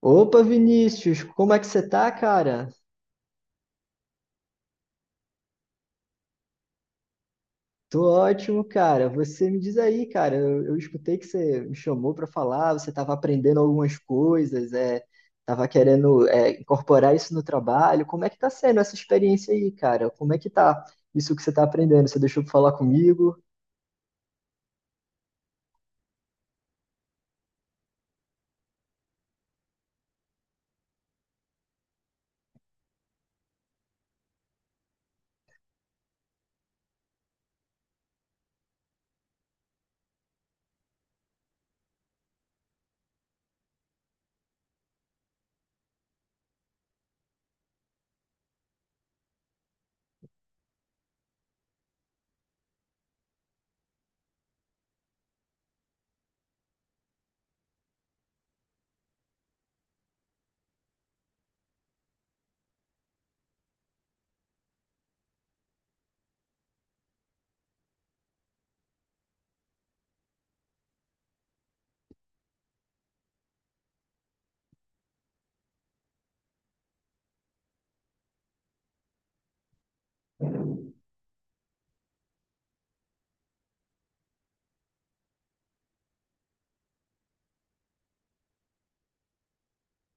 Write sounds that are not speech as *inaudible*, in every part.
Opa, Vinícius, como é que você tá, cara? Tô ótimo, cara. Você me diz aí, cara. Eu escutei que você me chamou pra falar, você tava aprendendo algumas coisas, tava querendo, incorporar isso no trabalho. Como é que tá sendo essa experiência aí, cara? Como é que tá isso que você tá aprendendo? Você deixou pra falar comigo?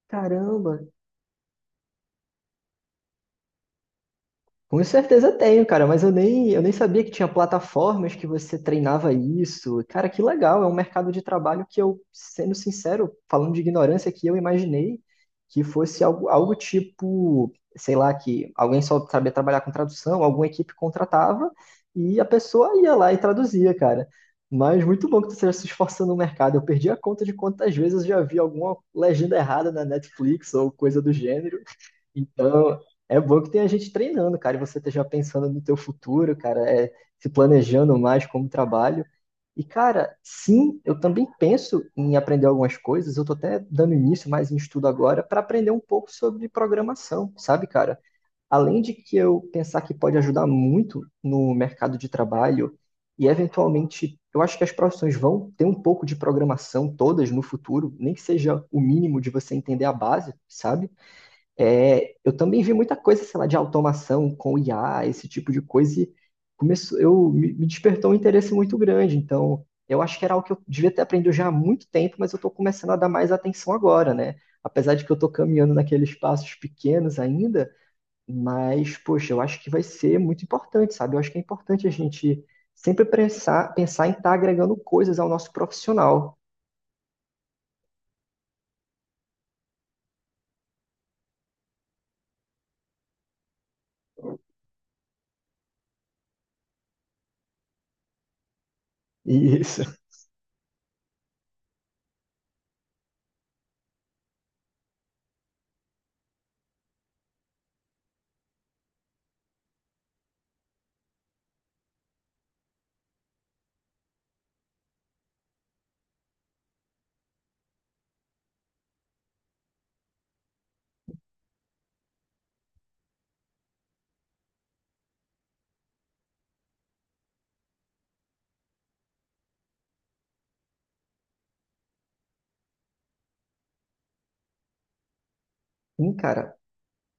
Caramba. Com certeza tenho, cara, mas eu nem sabia que tinha plataformas que você treinava isso. Cara, que legal, é um mercado de trabalho que eu, sendo sincero, falando de ignorância aqui, eu imaginei que fosse algo, algo tipo, sei lá, que alguém só sabia trabalhar com tradução, alguma equipe contratava e a pessoa ia lá e traduzia, cara. Mas muito bom que você esteja se esforçando no mercado. Eu perdi a conta de quantas vezes eu já vi alguma legenda errada na Netflix ou coisa do gênero. Então, é bom que tem a gente treinando, cara, e você esteja pensando no teu futuro, cara, se planejando mais como trabalho. E, cara, sim, eu também penso em aprender algumas coisas, eu tô até dando início mais em estudo agora para aprender um pouco sobre programação, sabe, cara? Além de que eu pensar que pode ajudar muito no mercado de trabalho e eventualmente eu acho que as profissões vão ter um pouco de programação todas no futuro, nem que seja o mínimo de você entender a base, sabe? É, eu também vi muita coisa, sei lá, de automação com IA, esse tipo de coisa, e começou, me despertou um interesse muito grande. Então, eu acho que era algo que eu devia ter aprendido já há muito tempo, mas eu estou começando a dar mais atenção agora, né? Apesar de que eu estou caminhando naqueles passos pequenos ainda, mas, poxa, eu acho que vai ser muito importante, sabe? Eu acho que é importante a gente sempre pensar, pensar em estar agregando coisas ao nosso profissional. Isso. *laughs* Sim, cara,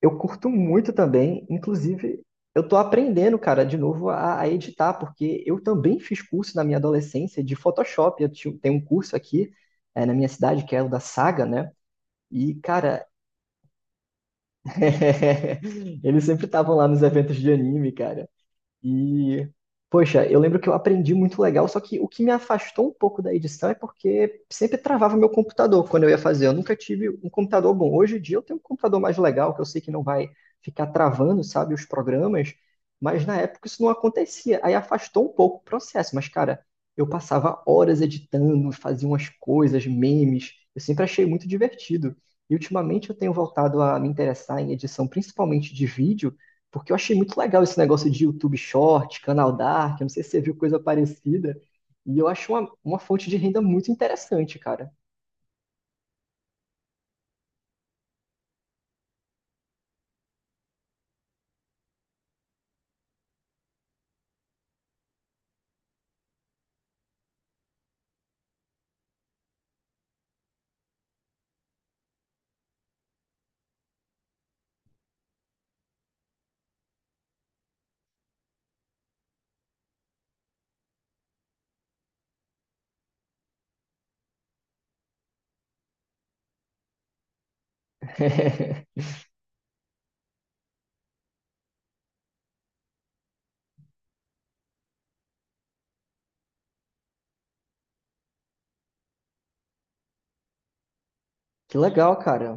eu curto muito também, inclusive, eu tô aprendendo, cara, de novo a editar, porque eu também fiz curso na minha adolescência de Photoshop. Eu tenho um curso aqui, na minha cidade, que é o da Saga, né? E, cara, *laughs* eles sempre estavam lá nos eventos de anime, cara. E, poxa, eu lembro que eu aprendi muito legal, só que o que me afastou um pouco da edição é porque sempre travava meu computador quando eu ia fazer. Eu nunca tive um computador bom. Hoje em dia eu tenho um computador mais legal, que eu sei que não vai ficar travando, sabe, os programas, mas na época isso não acontecia. Aí afastou um pouco o processo, mas cara, eu passava horas editando, fazia umas coisas, memes. Eu sempre achei muito divertido. E ultimamente eu tenho voltado a me interessar em edição, principalmente de vídeo. Porque eu achei muito legal esse negócio de YouTube Short, Canal Dark, eu não sei se você viu coisa parecida. E eu acho uma fonte de renda muito interessante, cara. *laughs* Que legal, cara.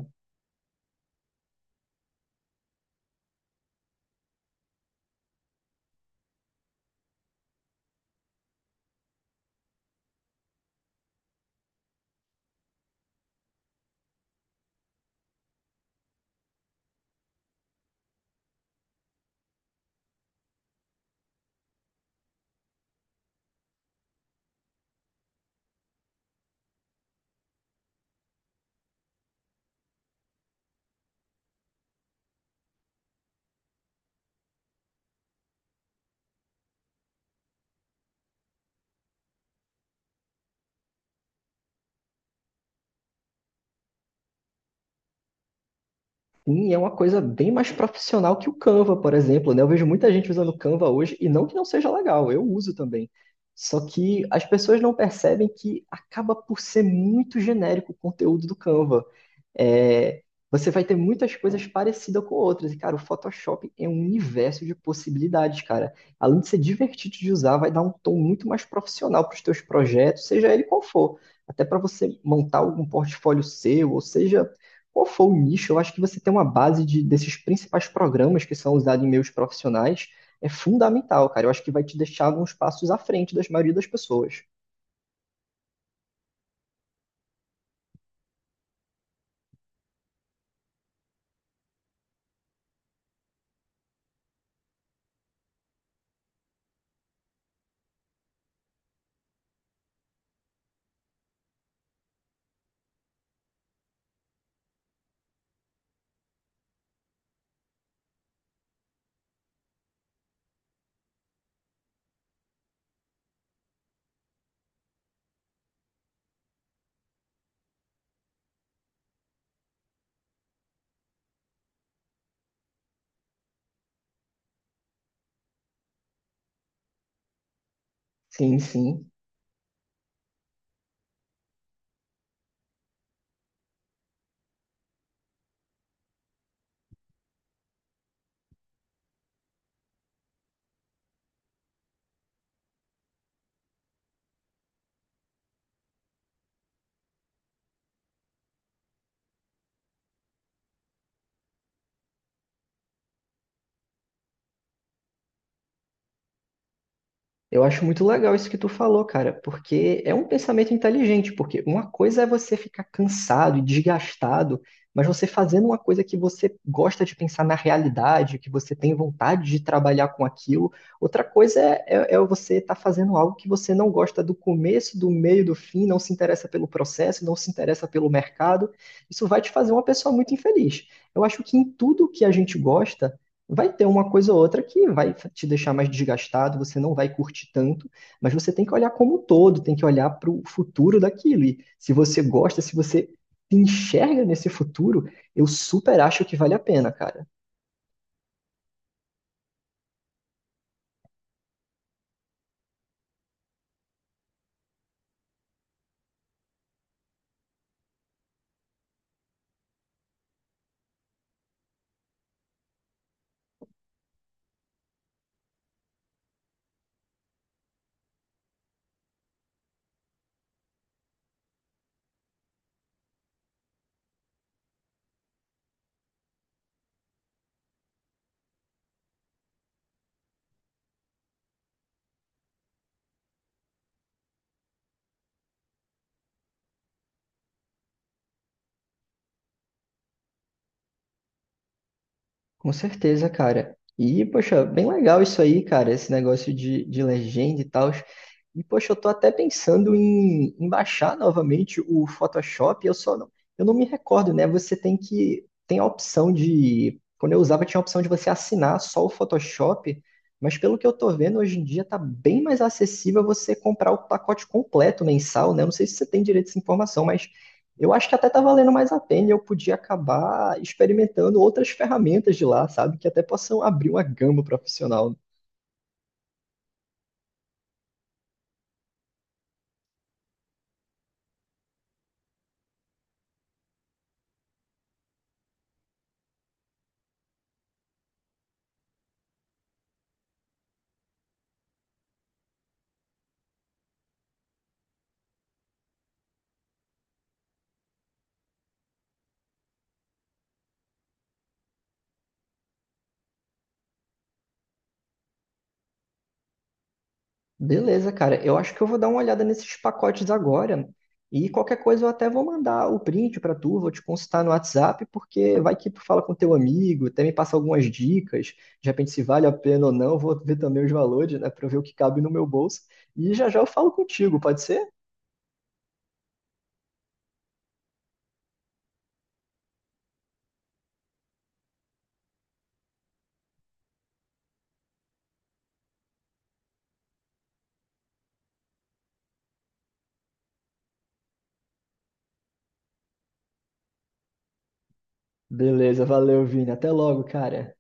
Sim, é uma coisa bem mais profissional que o Canva, por exemplo, né? Eu vejo muita gente usando o Canva hoje, e não que não seja legal, eu uso também. Só que as pessoas não percebem que acaba por ser muito genérico o conteúdo do Canva. É, você vai ter muitas coisas parecidas com outras. E, cara, o Photoshop é um universo de possibilidades, cara. Além de ser divertido de usar, vai dar um tom muito mais profissional para os teus projetos, seja ele qual for. Até para você montar algum portfólio seu, ou seja, qual for o nicho, eu acho que você ter uma base desses principais programas que são usados em meios profissionais é fundamental, cara. Eu acho que vai te deixar alguns passos à frente das maioria das pessoas. Sim, sim. Eu acho muito legal isso que tu falou, cara, porque é um pensamento inteligente, porque uma coisa é você ficar cansado e desgastado, mas você fazendo uma coisa que você gosta de pensar na realidade, que você tem vontade de trabalhar com aquilo, outra coisa é você estar fazendo algo que você não gosta do começo, do meio, do fim, não se interessa pelo processo, não se interessa pelo mercado, isso vai te fazer uma pessoa muito infeliz. Eu acho que em tudo que a gente gosta, vai ter uma coisa ou outra que vai te deixar mais desgastado, você não vai curtir tanto, mas você tem que olhar como um todo, tem que olhar para o futuro daquilo. E se você gosta, se você se enxerga nesse futuro, eu super acho que vale a pena, cara. Com certeza, cara. E, poxa, bem legal isso aí, cara, esse negócio de legenda e tal. E, poxa, eu tô até pensando em, em baixar novamente o Photoshop. Eu não me recordo, né? Você tem que, tem a opção de, quando eu usava, tinha a opção de você assinar só o Photoshop. Mas pelo que eu tô vendo, hoje em dia tá bem mais acessível você comprar o pacote completo mensal, né? Eu não sei se você tem direito a essa informação, mas eu acho que até tá valendo mais a pena e eu podia acabar experimentando outras ferramentas de lá, sabe? Que até possam abrir uma gama profissional. Beleza, cara. Eu acho que eu vou dar uma olhada nesses pacotes agora. E qualquer coisa eu até vou mandar o print pra tu, vou te consultar no WhatsApp, porque vai que tu fala com teu amigo, até me passa algumas dicas, de repente se vale a pena ou não, vou ver também os valores, né, pra eu ver o que cabe no meu bolso. E já já eu falo contigo, pode ser? Beleza, valeu, Vini. Até logo, cara.